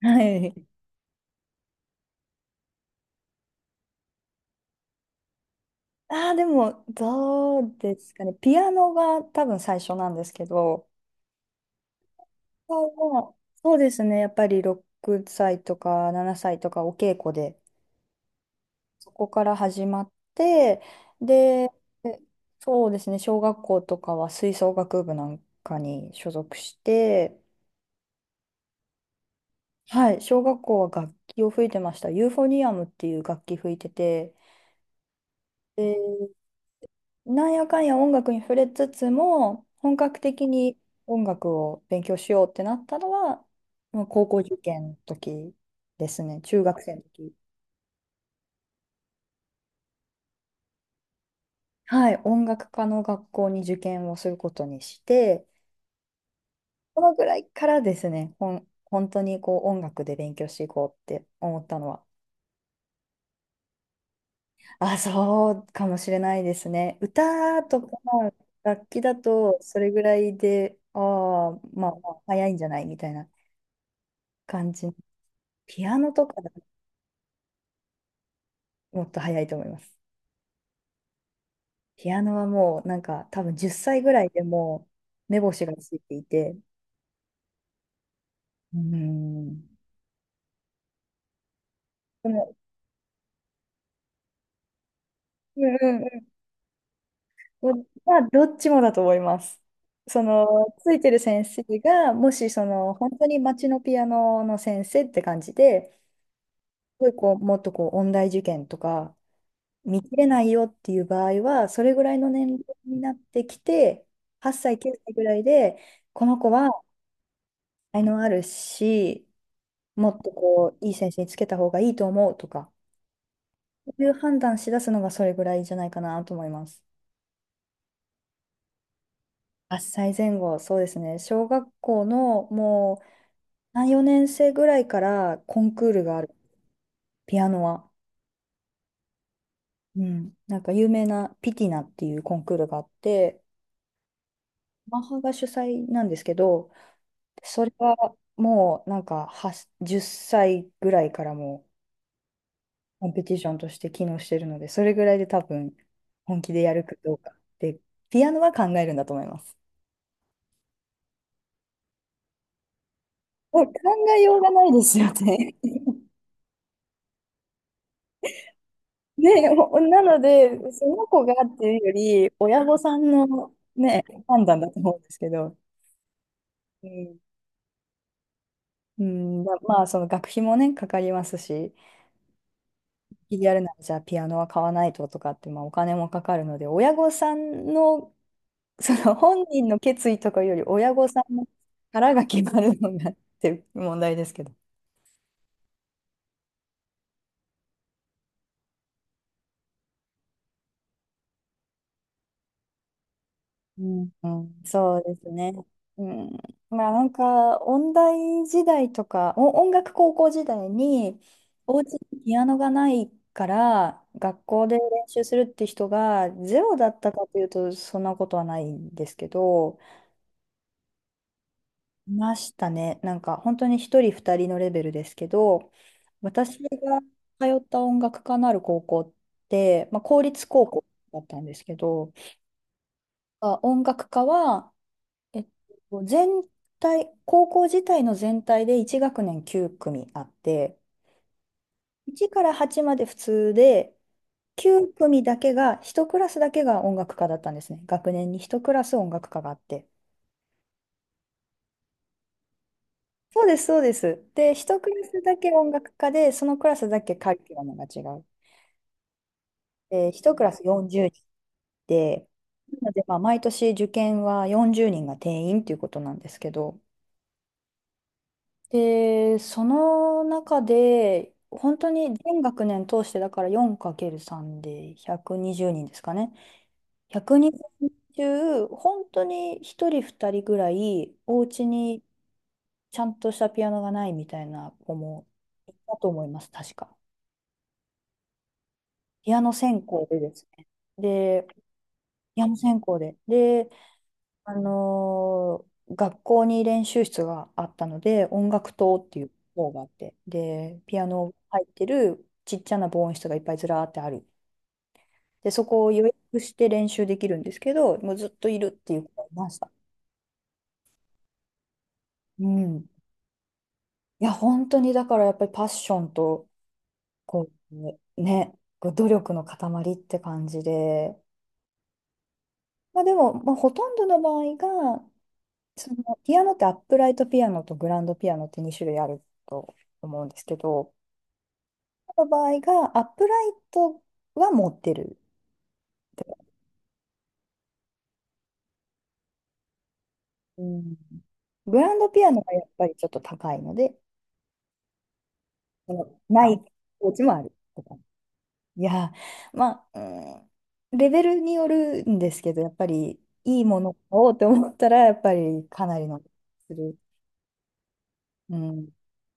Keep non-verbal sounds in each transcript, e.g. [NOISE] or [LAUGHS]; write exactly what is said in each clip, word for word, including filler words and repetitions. はい。ああ、でも、どうですかね。ピアノが多分最初なんですけど、そうそうですね。やっぱりろくさいとかななさいとかお稽古で、そこから始まって、で、そうですね。小学校とかは吹奏楽部なんかに所属して、はい。小学校は楽器を吹いてました。ユーフォニアムっていう楽器吹いてて、なんやかんや音楽に触れつつも、本格的に音楽を勉強しようってなったのは、まあ高校受験の時ですね、中学生の時。はい、音楽科の学校に受験をすることにして、そのぐらいからですね、ほん、本当にこう音楽で勉強していこうって思ったのは、あ、そうかもしれないですね。歌とか楽器だと、それぐらいで、ああ、まあまあ、早いんじゃないみたいな。感じピアノとかもっと早いと思います。ピアノはもうなんか多分じゅっさいぐらいでもう目星がついていて、うん。でも、うんうんうん。まあ、どっちもだと思います。その、ついてる先生が、もしその、本当に街のピアノの先生って感じで、すごいこう、もっとこう、音大受験とか、見切れないよっていう場合は、それぐらいの年齢になってきて、はっさい、きゅうさいぐらいで、この子は才能あるし、もっとこう、いい先生につけた方がいいと思うとか、そういう判断しだすのがそれぐらいじゃないかなと思います。はっさいぜん後、そうですね。小学校のもうさん、四年生ぐらいからコンクールがある。ピアノは。うん。なんか有名なピティナっていうコンクールがあって、マッハが主催なんですけど、それはもうなんかはじゅっさいぐらいからもうコンペティションとして機能してるので、それぐらいで多分本気でやるかどうか。で、ピアノは考えるんだと思います。もう考えようがないですよね。[LAUGHS] ね、ほなので、その子がっていうより、親御さんの、ね、判断だと思うんですけど、うん、うんまあ、まあ、その学費もね、かかりますし、やるならじゃあピアノは買わないととかって、まあ、お金もかかるので、親御さんのその本人の決意とかより親御さんの腹が決まるのがっていう問題ですけど。うん、うんそうですね。うん、まあなんか音大時代とかお音楽高校時代にお家にピアノがないから学校で練習するって人がゼロだったかというとそんなことはないんですけどいましたね。なんか本当にひとりふたりのレベルですけど、私が通った音楽科のある高校って、まあ、公立高校だったんですけど、あ音楽科は、えっと、全体、高校自体の全体でいち学年きゅう組あって、いちからはちまで普通で、きゅう組だけが、ひとクラスだけが音楽科だったんですね。学年にひとクラス音楽科があって。そうです、そうです。で、一クラスだけ音楽科で、そのクラスだけカリキュラムが違う。で、一クラスよんじゅうにんで、なので、まあ、毎年受験はよんじゅうにんが定員ということなんですけど、で、その中で、本当に全学年通して、だから よん×さん でひゃくにじゅうにんですかね。ひゃくにじゅうにん中、本当にひとりふたりぐらい、お家にちゃんとしたピアノがないみたいな子もいたと思います、確か。ピアノ専攻でですね。で、ピアノ専攻で。で、あのー学校に練習室があったので、音楽棟っていう方があって、で、ピアノ入ってるちっちゃな防音室がいっぱいずらーってある。で、そこを予約して練習できるんですけど、もうずっといるっていう子がいました。うん。いや、本当にだからやっぱりパッションと、こう、ね、こう努力の塊って感じで、まあ、でも、まあ、ほとんどの場合が、そのピアノってアップライトピアノとグランドピアノってに種類あると思うんですけど、この場合がアップライトは持ってる。うん。グランドピアノがやっぱりちょっと高いので、そのないお家もあるとか。いやー、まあ、うん、レベルによるんですけど、やっぱりいいものをって思ったら、やっぱりかなりのする。うん、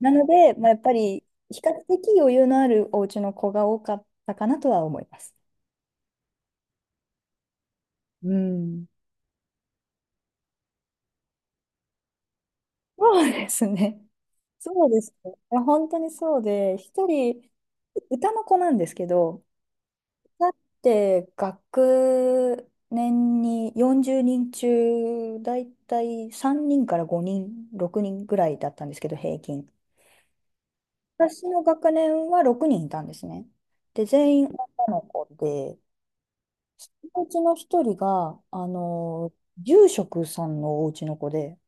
なので、まあ、やっぱり比較的余裕のあるお家の子が多かったかなとは思います。うん。そうですね。そうですね。いや、本当にそうで、一人、歌の子なんですけど、だって学年によんじゅうにん中、だいたいさんにんからごにん、ろくにんぐらいだったんですけど、平均。私の学年はろくにんいたんですね。で、全員女の子で、そのうちの一人が、あの、住職さんのお家の子で、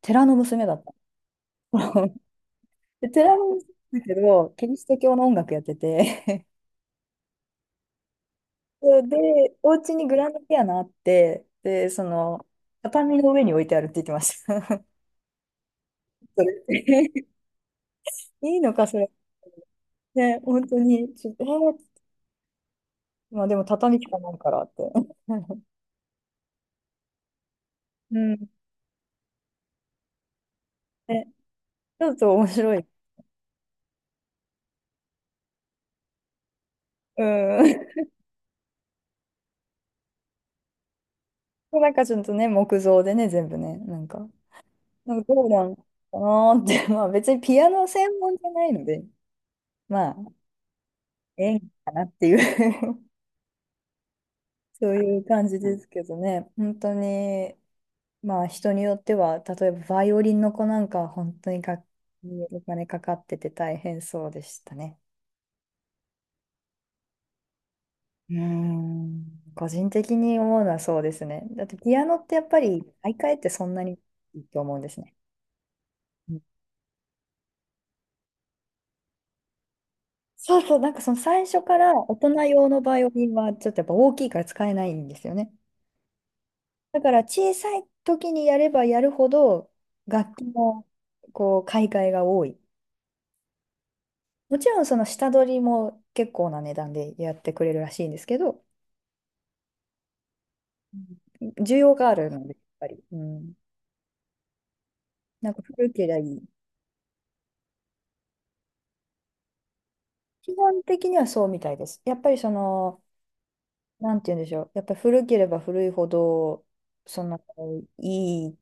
寺の娘だった。[LAUGHS] ベテランだけど、キリスト教の音楽やってて、[LAUGHS] そうで、お家にグランドピアノあって、で、その、畳の上に置いてあるって言ってました。[LAUGHS] それ [LAUGHS] いいのか、それ。ね、本当に、ちょっと、えーまあでも畳しかないからって。[LAUGHS] うん。ね、ちょっと面白い。うん。[LAUGHS] なんかちょっとね、木造でね、全部ね、なんか、なんか、どうなんかなーって、[LAUGHS] まあ別にピアノ専門じゃないので、まあ、演技かなっていうそういう感じですけどね、本当に、まあ人によっては、例えばバイオリンの子なんかは本当に楽器にお金かかってて大変そうでしたね。うーん、個人的に思うのはそうですね。だってピアノってやっぱり買い替えってそんなにいいと思うんですね。うんそうそう、なんかその最初から大人用のバイオリンはちょっとやっぱ大きいから使えないんですよね。だから小さい時にやればやるほど楽器のこう買い替えが多い。もちろんその下取りも結構な値段でやってくれるらしいんですけど、うん需要があるので、やっぱり、うん、なんか古ければいい。基本的にはそうみたいです。やっぱりその、なんて言うんでしょう、やっぱり古ければ古いほど、その、いい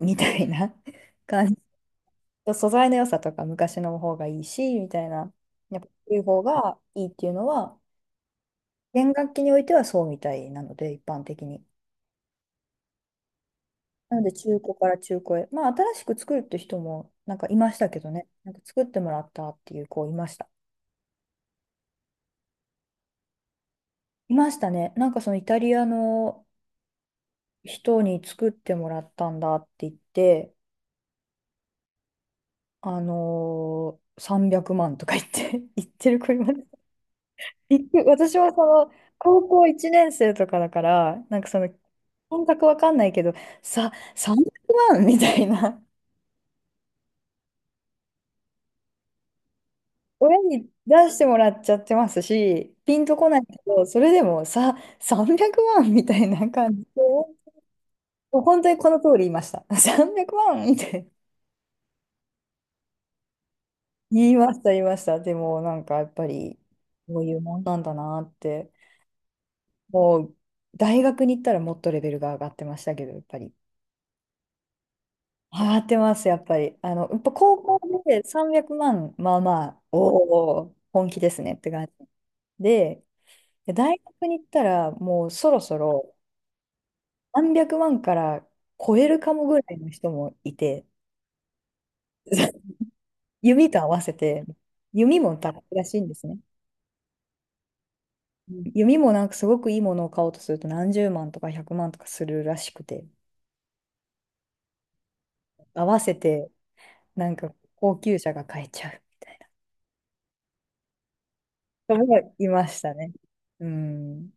みたいな [LAUGHS] 感じ。素材の良さとか昔の方がいいし、みたいな。やっぱ古い方がいいっていうのは、弦楽器においてはそうみたいなので、一般的に。なので中古から中古へ。まあ新しく作るって人もなんかいましたけどね。なんか作ってもらったっていう子いました。いましたね。なんかそのイタリアの人に作ってもらったんだって言って、あのー、さんびゃくまんとか言って、[LAUGHS] 言ってる子います。言って私はその高校いちねん生とかだから、なんかその感覚わかんないけど、さ、さんびゃくまんみたいな。親に出してもらっちゃってますし、ピンとこないけど、それでもさ、さんびゃくまんみたいな感じで、もう本当にこの通り言いました。[LAUGHS] さんびゃくまんみたいな。言いました、言いました。でも、なんかやっぱり、こういうもんなんだなって、もう、大学に行ったらもっとレベルが上がってましたけど、やっぱり。上がってます、やっぱり。あの、やっぱ高校でさんびゃくまん、まあまあ、おお、本気ですねって感じ。で、大学に行ったら、もうそろそろ、なんびゃくまんから超えるかもぐらいの人もいて、[LAUGHS] 弓と合わせて、弓も高いらしいんですね。うん弓もなんかすごくいいものを買おうとするとなんじゅうまんとか百万とかするらしくて、合わせてなんか高級車が買えちゃう人も [LAUGHS] いましたね。うん。